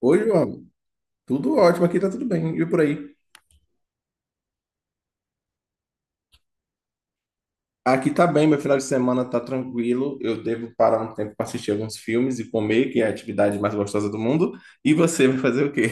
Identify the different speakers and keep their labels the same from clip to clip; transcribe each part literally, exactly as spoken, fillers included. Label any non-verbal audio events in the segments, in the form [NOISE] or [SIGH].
Speaker 1: Oi, João. Tudo ótimo, aqui tá tudo bem. E por aí? Aqui tá bem, meu final de semana tá tranquilo. Eu devo parar um tempo para assistir alguns filmes e comer, que é a atividade mais gostosa do mundo. E você vai fazer o quê?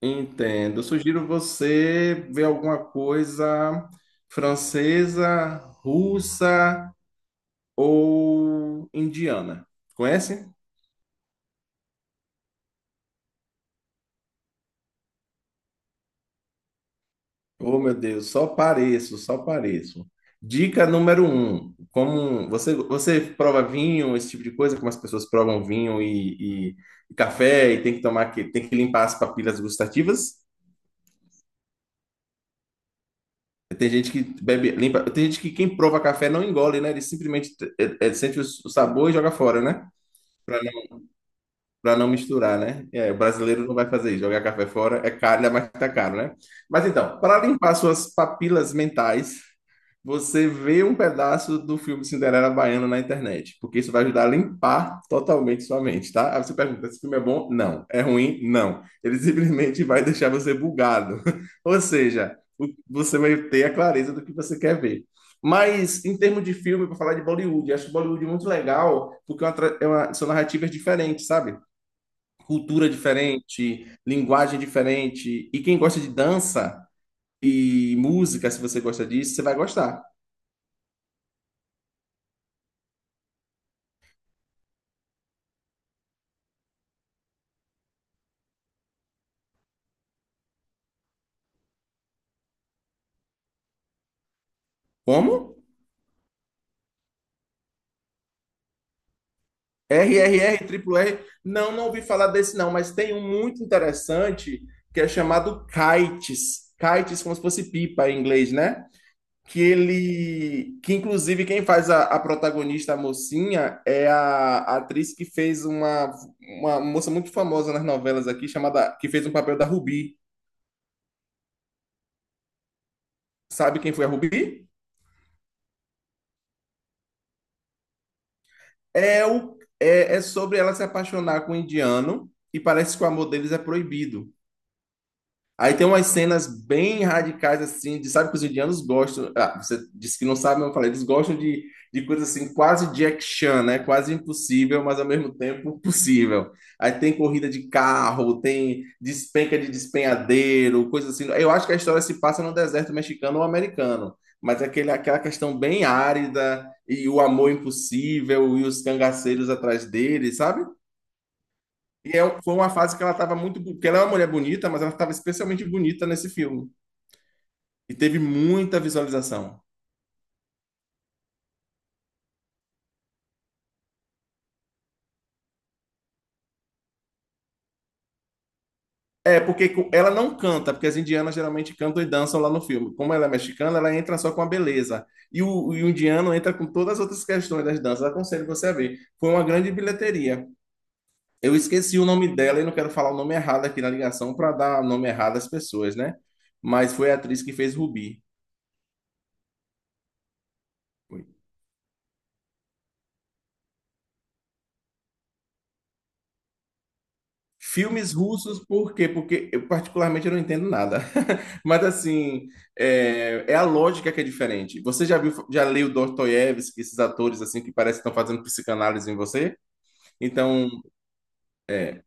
Speaker 1: Entendo. Eu sugiro você ver alguma coisa francesa, russa ou indiana. Conhece? Oh, meu Deus, só pareço, só pareço. Dica número um, como você, você prova vinho, esse tipo de coisa, como as pessoas provam vinho e, e- e café e tem que tomar que tem que limpar as papilas gustativas. Tem gente que bebe, limpa, tem gente que quem prova café não engole, né? Ele simplesmente eh, eh, sente o sabor e joga fora, né? Para não misturar, né? É, o brasileiro não vai fazer isso, jogar café fora é caro, mas tá caro, né? Mas então, para limpar suas papilas mentais, você vê um pedaço do filme Cinderela Baiana na internet, porque isso vai ajudar a limpar totalmente sua mente, tá? Aí você pergunta, esse filme é bom? Não. É ruim? Não. Ele simplesmente vai deixar você bugado. [LAUGHS] Ou seja, o- você vai ter a clareza do que você quer ver. Mas em termos de filme, para falar de Bollywood, eu acho Bollywood muito legal, porque é uma tra- é uma- são narrativas diferentes, sabe? Cultura diferente, linguagem diferente. E quem gosta de dança e música, se você gosta disso, você vai gostar. Como? R R R, Triple R. Não, não ouvi falar desse não, mas tem um muito interessante que é chamado Kites. Kites, como se fosse pipa em inglês, né? Que ele. Que inclusive quem faz a, a protagonista, a mocinha, é a, a atriz que fez uma, uma moça muito famosa nas novelas aqui, chamada. Que fez um papel da Ruby. Sabe quem foi a Ruby? É, o, é, é sobre ela se apaixonar com um indiano e parece que o amor deles é proibido. Aí tem umas cenas bem radicais, assim, de sabe que os indianos gostam. Ah, você disse que não sabe, mas eu falei, eles gostam de, de coisas assim, quase Jack Chan, né? Quase impossível, mas ao mesmo tempo possível. Aí tem corrida de carro, tem despenca de despenhadeiro, coisas assim. Eu acho que a história se passa no deserto mexicano ou americano, mas é aquele, aquela questão bem árida e o amor impossível e os cangaceiros atrás dele, sabe? E é- um, foi uma fase que ela estava muito. bo- Porque ela é uma mulher bonita, mas ela estava especialmente bonita nesse filme. E teve muita visualização. É, porque co- ela não canta, porque as indianas geralmente cantam e dançam lá no filme. Como ela é mexicana, ela entra só com a beleza. E o, e o indiano entra com todas as outras questões das danças. Aconselho você a ver. Foi uma grande bilheteria. Eu esqueci o nome dela e não quero falar o nome errado aqui na ligação para dar o nome errado às pessoas, né? Mas foi a atriz que fez Rubi. Filmes russos, por quê? Porque eu particularmente eu não entendo nada. [LAUGHS] Mas assim, é, é a lógica que é diferente. Você já viu, já leu Dostoiévski, esses atores assim que parece que estão fazendo psicanálise em você? Então, é,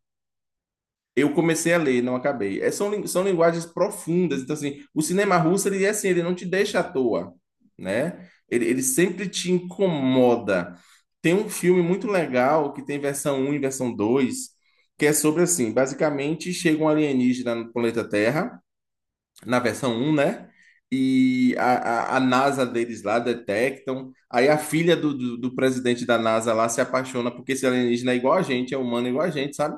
Speaker 1: eu comecei a ler, não acabei. É, são, lin- são linguagens profundas. Então, assim, o cinema russo, ele é assim, ele não te deixa à toa, né? Ele, ele sempre te incomoda. Tem um filme muito legal que tem versão um e versão dois, que é sobre, assim, basicamente chega um alienígena no planeta Terra, na versão um, né? E a, a, a NASA deles lá detectam. Aí a filha do, do, do presidente da NASA lá se apaixona porque esse alienígena é igual a gente, é humano igual a gente, sabe?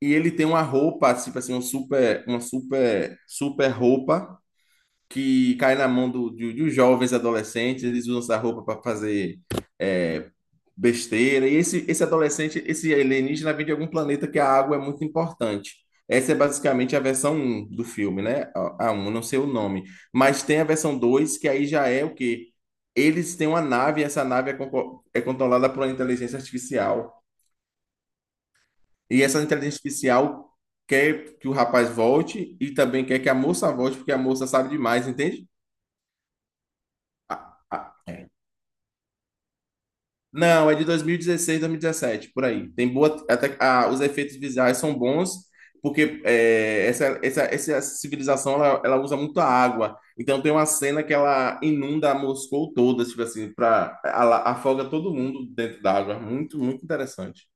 Speaker 1: E ele tem uma roupa, tipo assim, um super, uma super, super roupa que cai na mão do, de, de jovens adolescentes. Eles usam essa roupa para fazer é, besteira. E esse, esse adolescente, esse alienígena vem de algum planeta que a água é muito importante. Essa é basicamente a versão um do filme, né? A a um, não sei o nome. Mas tem a versão dois que aí já é o quê? Eles têm uma nave, e essa nave é, conco- é controlada por uma inteligência artificial. E essa inteligência artificial quer que o rapaz volte e também quer que a moça volte, porque a moça sabe demais, entende? Ah, ah. É. Não, é de dois mil e dezesseis, dois mil e dezessete por aí. Tem boa. Até, ah, os efeitos visuais são bons, porque é, essa, essa, essa civilização ela, ela usa muito a água. Então tem uma cena que ela inunda Moscou toda, tipo assim, pra, ela afoga todo mundo dentro da água. Muito, muito interessante.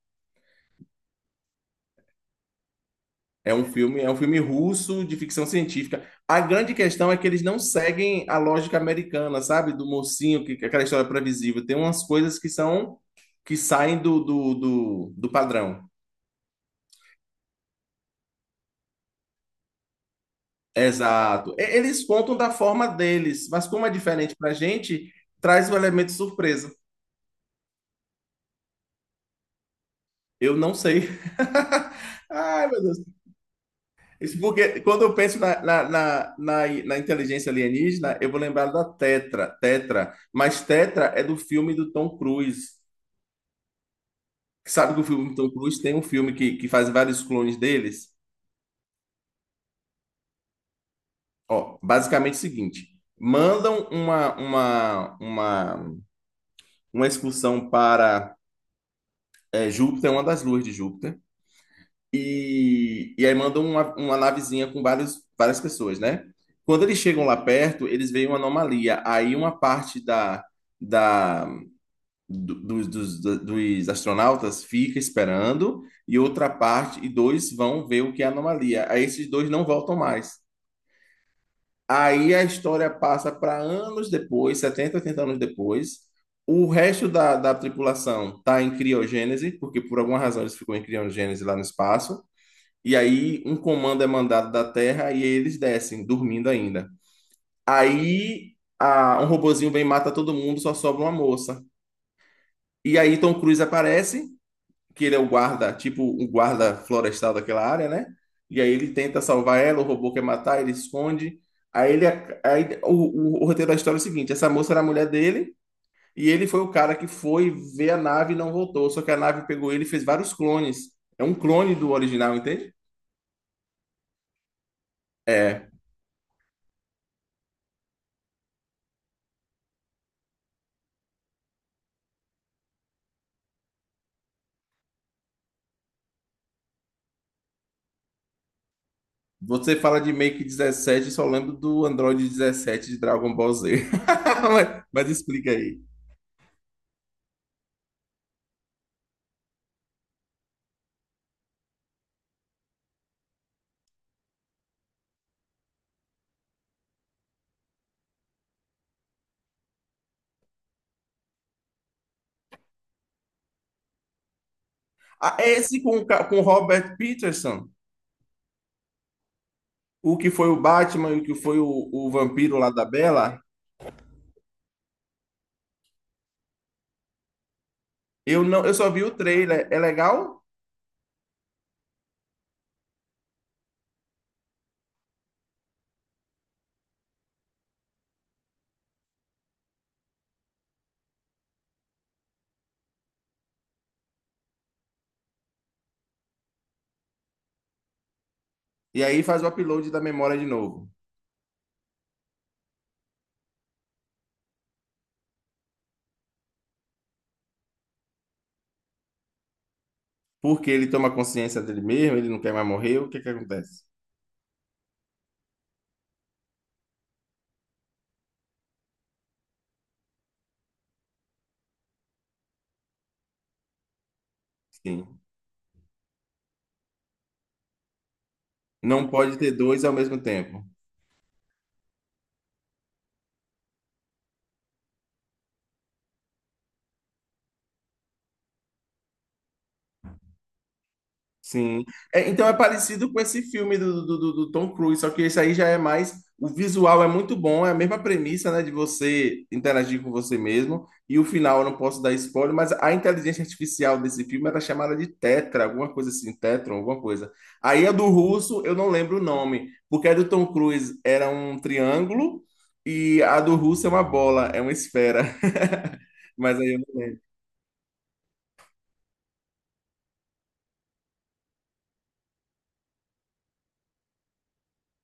Speaker 1: É um filme, é um filme russo de ficção científica. A grande questão é que eles não seguem a lógica americana, sabe? Do mocinho, que que aquela história é previsível. Tem umas coisas que são que saem do, do, do, do padrão. Exato. E- Eles contam da forma deles, mas como é diferente pra gente, traz o elemento surpresa. Eu não sei. [LAUGHS] Ai, meu Deus. Isso porque quando eu penso na, na, na, na, na inteligência alienígena, eu vou lembrar da Tetra, Tetra. Mas Tetra é do filme do Tom Cruise. Sabe que o filme do Tom Cruise tem um filme que, que faz vários clones deles? Ó, basicamente o seguinte: mandam uma, uma, uma, uma excursão para é, Júpiter, uma das luas de Júpiter. E, e aí mandam uma, uma navezinha com vários, várias pessoas, né? Quando eles chegam lá perto, eles veem uma anomalia. Aí uma parte da, da, do- dos, dos, dos astronautas fica esperando, e outra parte, e dois vão ver o que é a anomalia. Aí esses dois não voltam mais. Aí a história passa para anos depois, setenta, oitenta anos depois. O resto da, da tripulação está em criogênese, porque por alguma razão eles ficam em criogênese lá no espaço. E aí um comando é mandado da Terra e eles descem, dormindo ainda. Aí a- um robozinho vem e mata todo mundo, só sobra uma moça. E aí Tom Cruise aparece, que ele é o guarda, tipo o guarda florestal daquela área, né? E aí ele tenta salvar ela, o robô quer matar, ele esconde. Aí ele, aí o, o- o roteiro da história é o seguinte: essa moça era a mulher dele e ele foi o cara que foi ver a nave e não voltou. Só que a nave pegou ele e fez vários clones. É um clone do original, entende? É. Você fala de Make dezessete, só lembro do Android dezessete de Dragon Ball Z. [LAUGHS] Mas, mas explica aí. Ah, é esse com, o ca- com o Robert Pattinson, o que foi o Batman e o que foi o, o vampiro lá da Bella, eu não, eu só vi o trailer. É legal? E aí faz o upload da memória de novo. Porque ele toma consciência dele mesmo, ele não quer mais morrer, o que é que acontece? Sim. Não pode ter dois ao mesmo tempo. Sim. É, então é parecido com esse filme do, do, do- do Tom Cruise, só que esse aí já é mais. O visual é muito bom, é a mesma premissa, né, de você interagir com você mesmo. E o final, eu não posso dar spoiler, mas a inteligência artificial desse filme era chamada de Tetra, alguma coisa assim, Tetron, alguma coisa. Aí a do russo, eu não lembro o nome, porque a do Tom Cruise era um triângulo e a do russo é uma bola, é uma esfera. [LAUGHS] Mas aí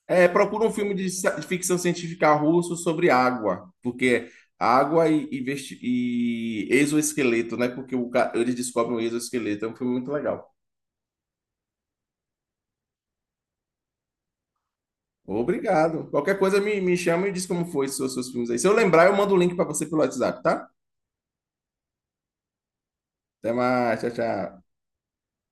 Speaker 1: é, procura um filme de, ci- de ficção científica russo sobre água, porque água e, e, vesti- e exoesqueleto, né? Porque o ca- eles descobrem o exoesqueleto. É um filme muito legal. Obrigado. Qualquer coisa me, me chama e diz como foi os seus, seus filmes aí. Se eu lembrar, eu mando o link para você pelo WhatsApp, tá? Até mais. Tchau, tchau.